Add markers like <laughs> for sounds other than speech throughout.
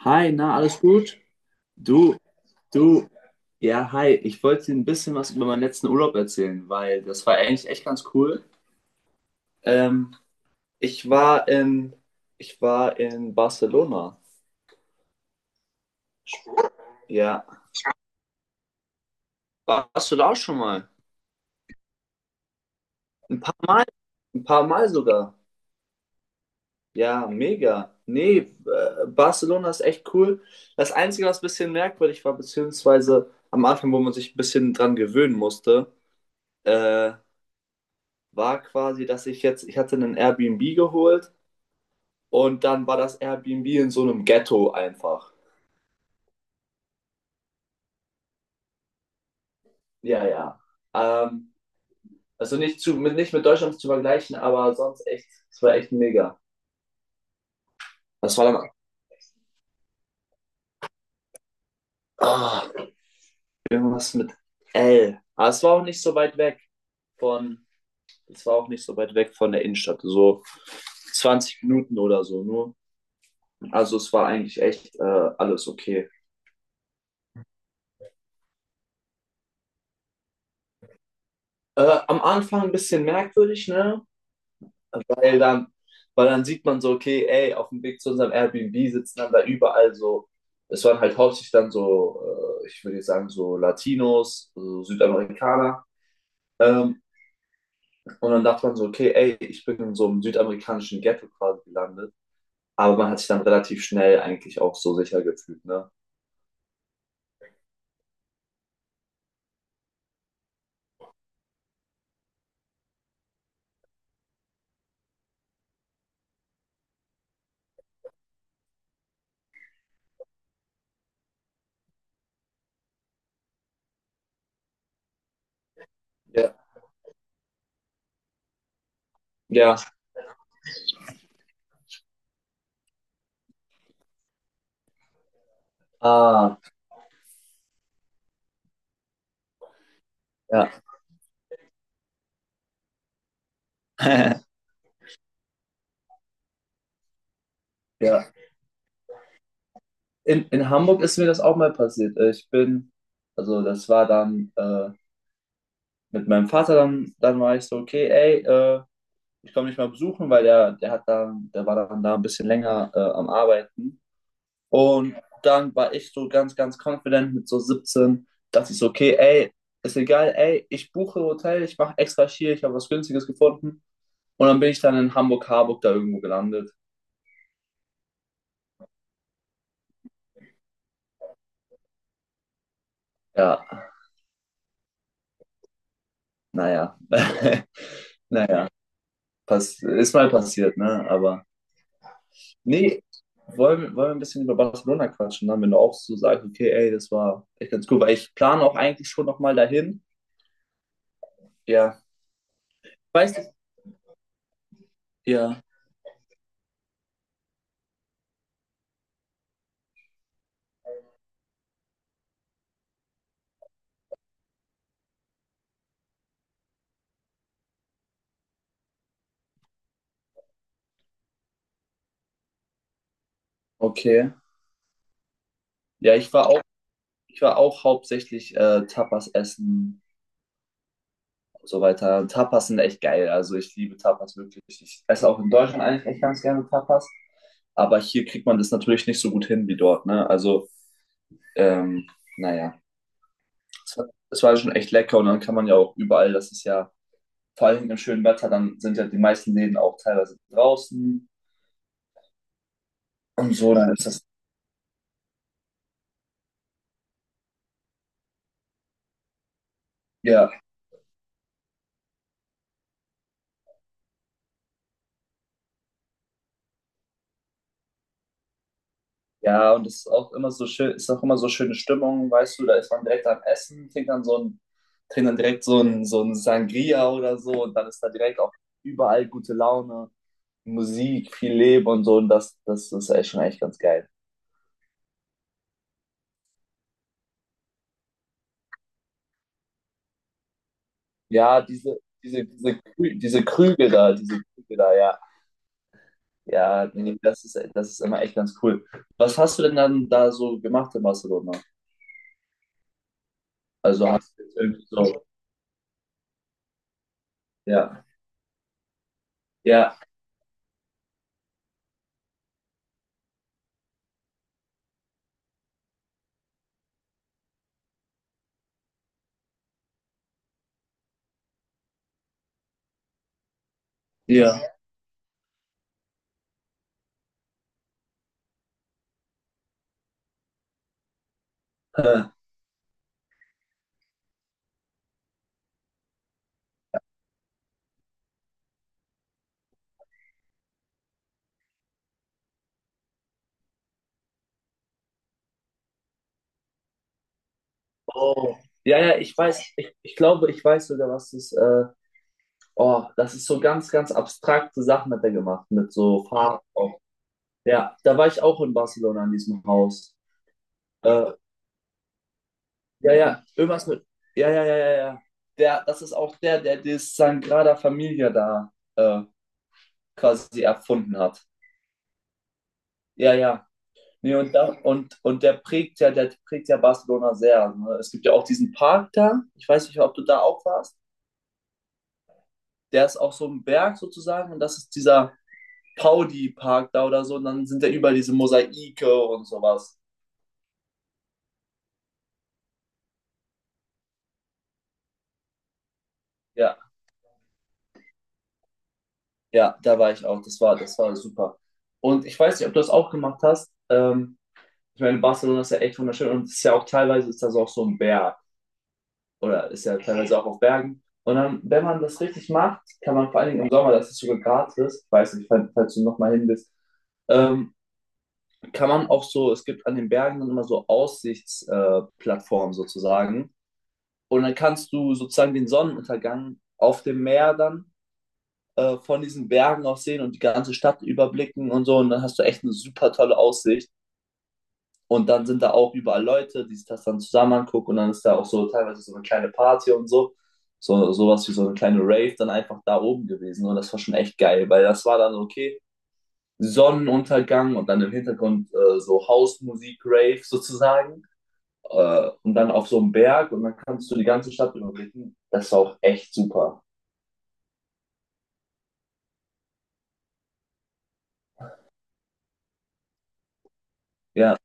Hi, na, alles gut? Du, du, ja, hi. Ich wollte dir ein bisschen was über meinen letzten Urlaub erzählen, weil das war eigentlich echt ganz cool. Ähm, ich war in, ich war in Barcelona. Ja. Warst du da auch schon mal? Ein paar Mal, ein paar Mal sogar. Ja, mega. Nee, Barcelona ist echt cool. Das Einzige, was ein bisschen merkwürdig war, beziehungsweise am Anfang, wo man sich ein bisschen dran gewöhnen musste, äh, war quasi, dass ich hatte einen Airbnb geholt und dann war das Airbnb in so einem Ghetto einfach. Ja, ja. Ähm, also nicht, nicht mit Deutschland zu vergleichen, aber sonst echt, es war echt mega. Das war dann ah, irgendwas mit L. Aber es war auch nicht so weit von, es war auch nicht so weit weg von der Innenstadt, so 20 Minuten oder so nur. Also es war eigentlich echt alles okay. Am Anfang ein bisschen merkwürdig, ne? Weil dann, weil dann sieht man so, okay, ey, auf dem Weg zu unserem Airbnb sitzen dann da überall so, es waren halt hauptsächlich dann so, ich würde jetzt sagen, so Latinos, so Südamerikaner. Ähm, und dann dachte man so, okay, ey, ich bin in so einem südamerikanischen Ghetto quasi gelandet. Aber man hat sich dann relativ schnell eigentlich auch so sicher gefühlt, ne? Ja. Ja. Ah, ja. <laughs> Ja. In Hamburg ist mir das auch mal passiert. Also das war dann mit meinem Vater dann war ich so, okay, ey, ich komme nicht mal besuchen, weil der hat da, der war dann da ein bisschen länger am Arbeiten. Und dann war ich so ganz, ganz confident mit so 17, dass ich so, okay, ey, ist egal, ey, ich buche Hotel, ich mache extra schier, ich habe was Günstiges gefunden. Und dann bin ich dann in Hamburg-Harburg da irgendwo gelandet. Ja, naja, <laughs> naja, pass, ist mal passiert, ne? Aber nee, wollen wir ein bisschen über Barcelona quatschen, dann, wenn du auch so sagst, okay, ey, das war echt ganz cool, weil ich plane auch eigentlich schon nochmal dahin. Ja. Weißt du? Ja, okay. Ja, ich war auch, ich war auch hauptsächlich Tapas essen und so weiter. Tapas sind echt geil. Also ich liebe Tapas wirklich. Ich esse auch in Deutschland eigentlich echt ganz gerne Tapas. Aber hier kriegt man das natürlich nicht so gut hin wie dort, ne? Also, ähm, naja. Es war schon echt lecker und dann kann man ja auch überall, das ist ja vor allem im schönen Wetter, dann sind ja die meisten Läden auch teilweise draußen und so, dann ist das, ja, ja, und es ist auch immer so schön, ist auch immer so schöne Stimmung, weißt du, da ist man direkt am Essen, trinkt dann direkt so ein Sangria oder so und dann ist da direkt auch überall gute Laune, Musik, viel Leben und so und das ist echt schon echt ganz geil. Ja, diese diese Krüge da, ja. Ja, nee, das ist immer echt ganz cool. Was hast du denn dann da so gemacht in Barcelona? Also hast du jetzt irgendwie so, ja, ja, Ja. äh, oh, ja, ja, ich weiß, ich glaube, ich weiß sogar, was das, oh, das ist so ganz, ganz abstrakte Sachen hat er gemacht, mit so Farben auch. Ja, da war ich auch in Barcelona in diesem Haus. Äh, ja, ja, irgendwas mit, ja, ja, ja, ja, ja. Das ist auch der, der das Sagrada Familia da quasi erfunden hat. Ja, ja. Nee, und der prägt ja Barcelona sehr. Ne? Es gibt ja auch diesen Park da, ich weiß nicht, ob du da auch warst. Der ist auch so ein Berg sozusagen und das ist dieser Paudi-Park da oder so. Und dann sind da überall diese Mosaike und sowas. Ja, ja, da war ich auch. Das war super. Und ich weiß nicht, ob du das auch gemacht hast. Ich meine, Barcelona ist ja echt wunderschön und es ist ja auch teilweise ist das auch so ein Berg, oder ist ja teilweise auch auf Bergen. Und dann, wenn man das richtig macht, kann man vor allen Dingen im Sommer, das ist sogar gratis, ich weiß nicht, falls du nochmal hin bist, ähm, kann man auch so, es gibt an den Bergen dann immer so Aussichtsplattformen sozusagen. Und dann kannst du sozusagen den Sonnenuntergang auf dem Meer dann von diesen Bergen aus sehen und die ganze Stadt überblicken und so. Und dann hast du echt eine super tolle Aussicht. Und dann sind da auch überall Leute, die sich das dann zusammen angucken und dann ist da auch so teilweise so eine kleine Party und so. So sowas wie so eine kleine Rave dann einfach da oben gewesen und das war schon echt geil, weil das war dann so, okay, Sonnenuntergang und dann im Hintergrund so Hausmusik, Rave sozusagen und dann auf so einem Berg und dann kannst du die ganze Stadt überblicken. Das war auch echt super. Ja,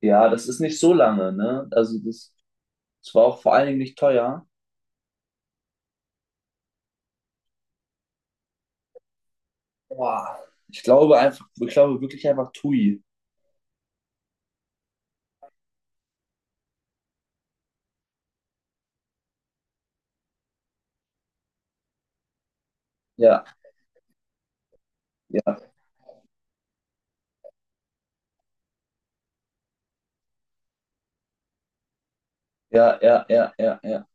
ja, das ist nicht so lange, ne? Also das, das war auch vor allen Dingen nicht teuer. Boah. Ich glaube wirklich einfach Tui. Ja, ja. Ja, ja, ja, ja, ja.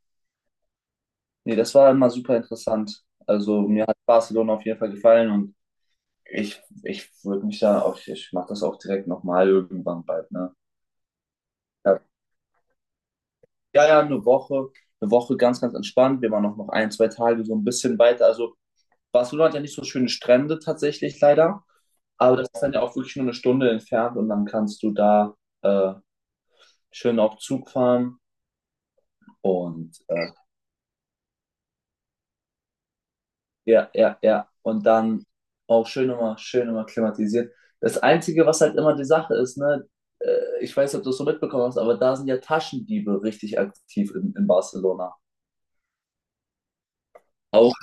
Nee, das war immer super interessant. Also mir hat Barcelona auf jeden Fall gefallen und ich würde mich da auch, ich mache das auch direkt nochmal irgendwann bald, ne? Ja, ja, eine Woche ganz, ganz entspannt. Wir waren auch noch ein, zwei Tage so ein bisschen weiter. Also Barcelona hat ja nicht so schöne Strände tatsächlich leider, aber das ist dann ja auch wirklich nur eine Stunde entfernt und dann kannst du da äh, schön auf Zug fahren und Ja, ja, ja. Und dann auch schön immer klimatisiert. Das Einzige, was halt immer die Sache ist, ne, äh, ich weiß nicht, ob du es so mitbekommen hast, aber da sind ja Taschendiebe richtig aktiv in Barcelona. Auch,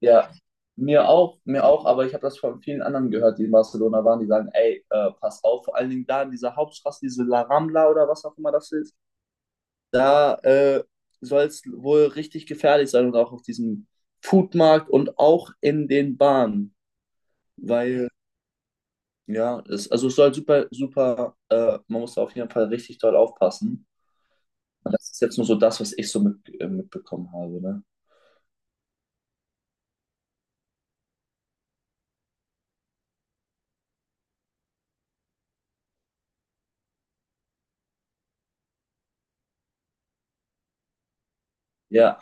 ja, mir auch, aber ich habe das von vielen anderen gehört, die in Barcelona waren, die sagen, ey, pass auf, vor allen Dingen da in dieser Hauptstraße, diese La Rambla oder was auch immer das ist, da soll es wohl richtig gefährlich sein und auch auf diesem Foodmarkt und auch in den Bahnen, weil ja, es, also es soll super, super, man muss da auf jeden Fall richtig doll aufpassen. Und das ist jetzt nur so das, was ich so mit, mitbekommen habe, ne? Ja,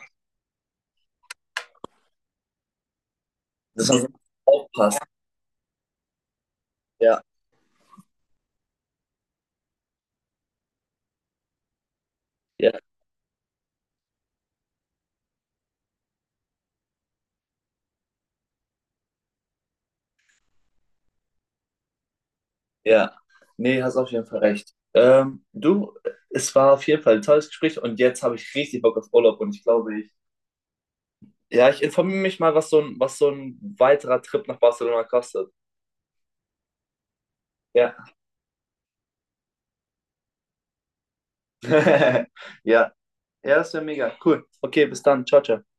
dass man so aufpasst. Ja, ja, ja. Nee, hast auf jeden Fall recht. Du, es war auf jeden Fall ein tolles Gespräch und jetzt habe ich richtig Bock auf Urlaub und ich glaube, ich, ja, ich informiere mich mal, was so ein weiterer Trip nach Barcelona kostet. Ja. <laughs> Ja, ja, das wäre mega. Cool. Okay, bis dann. Ciao, ciao.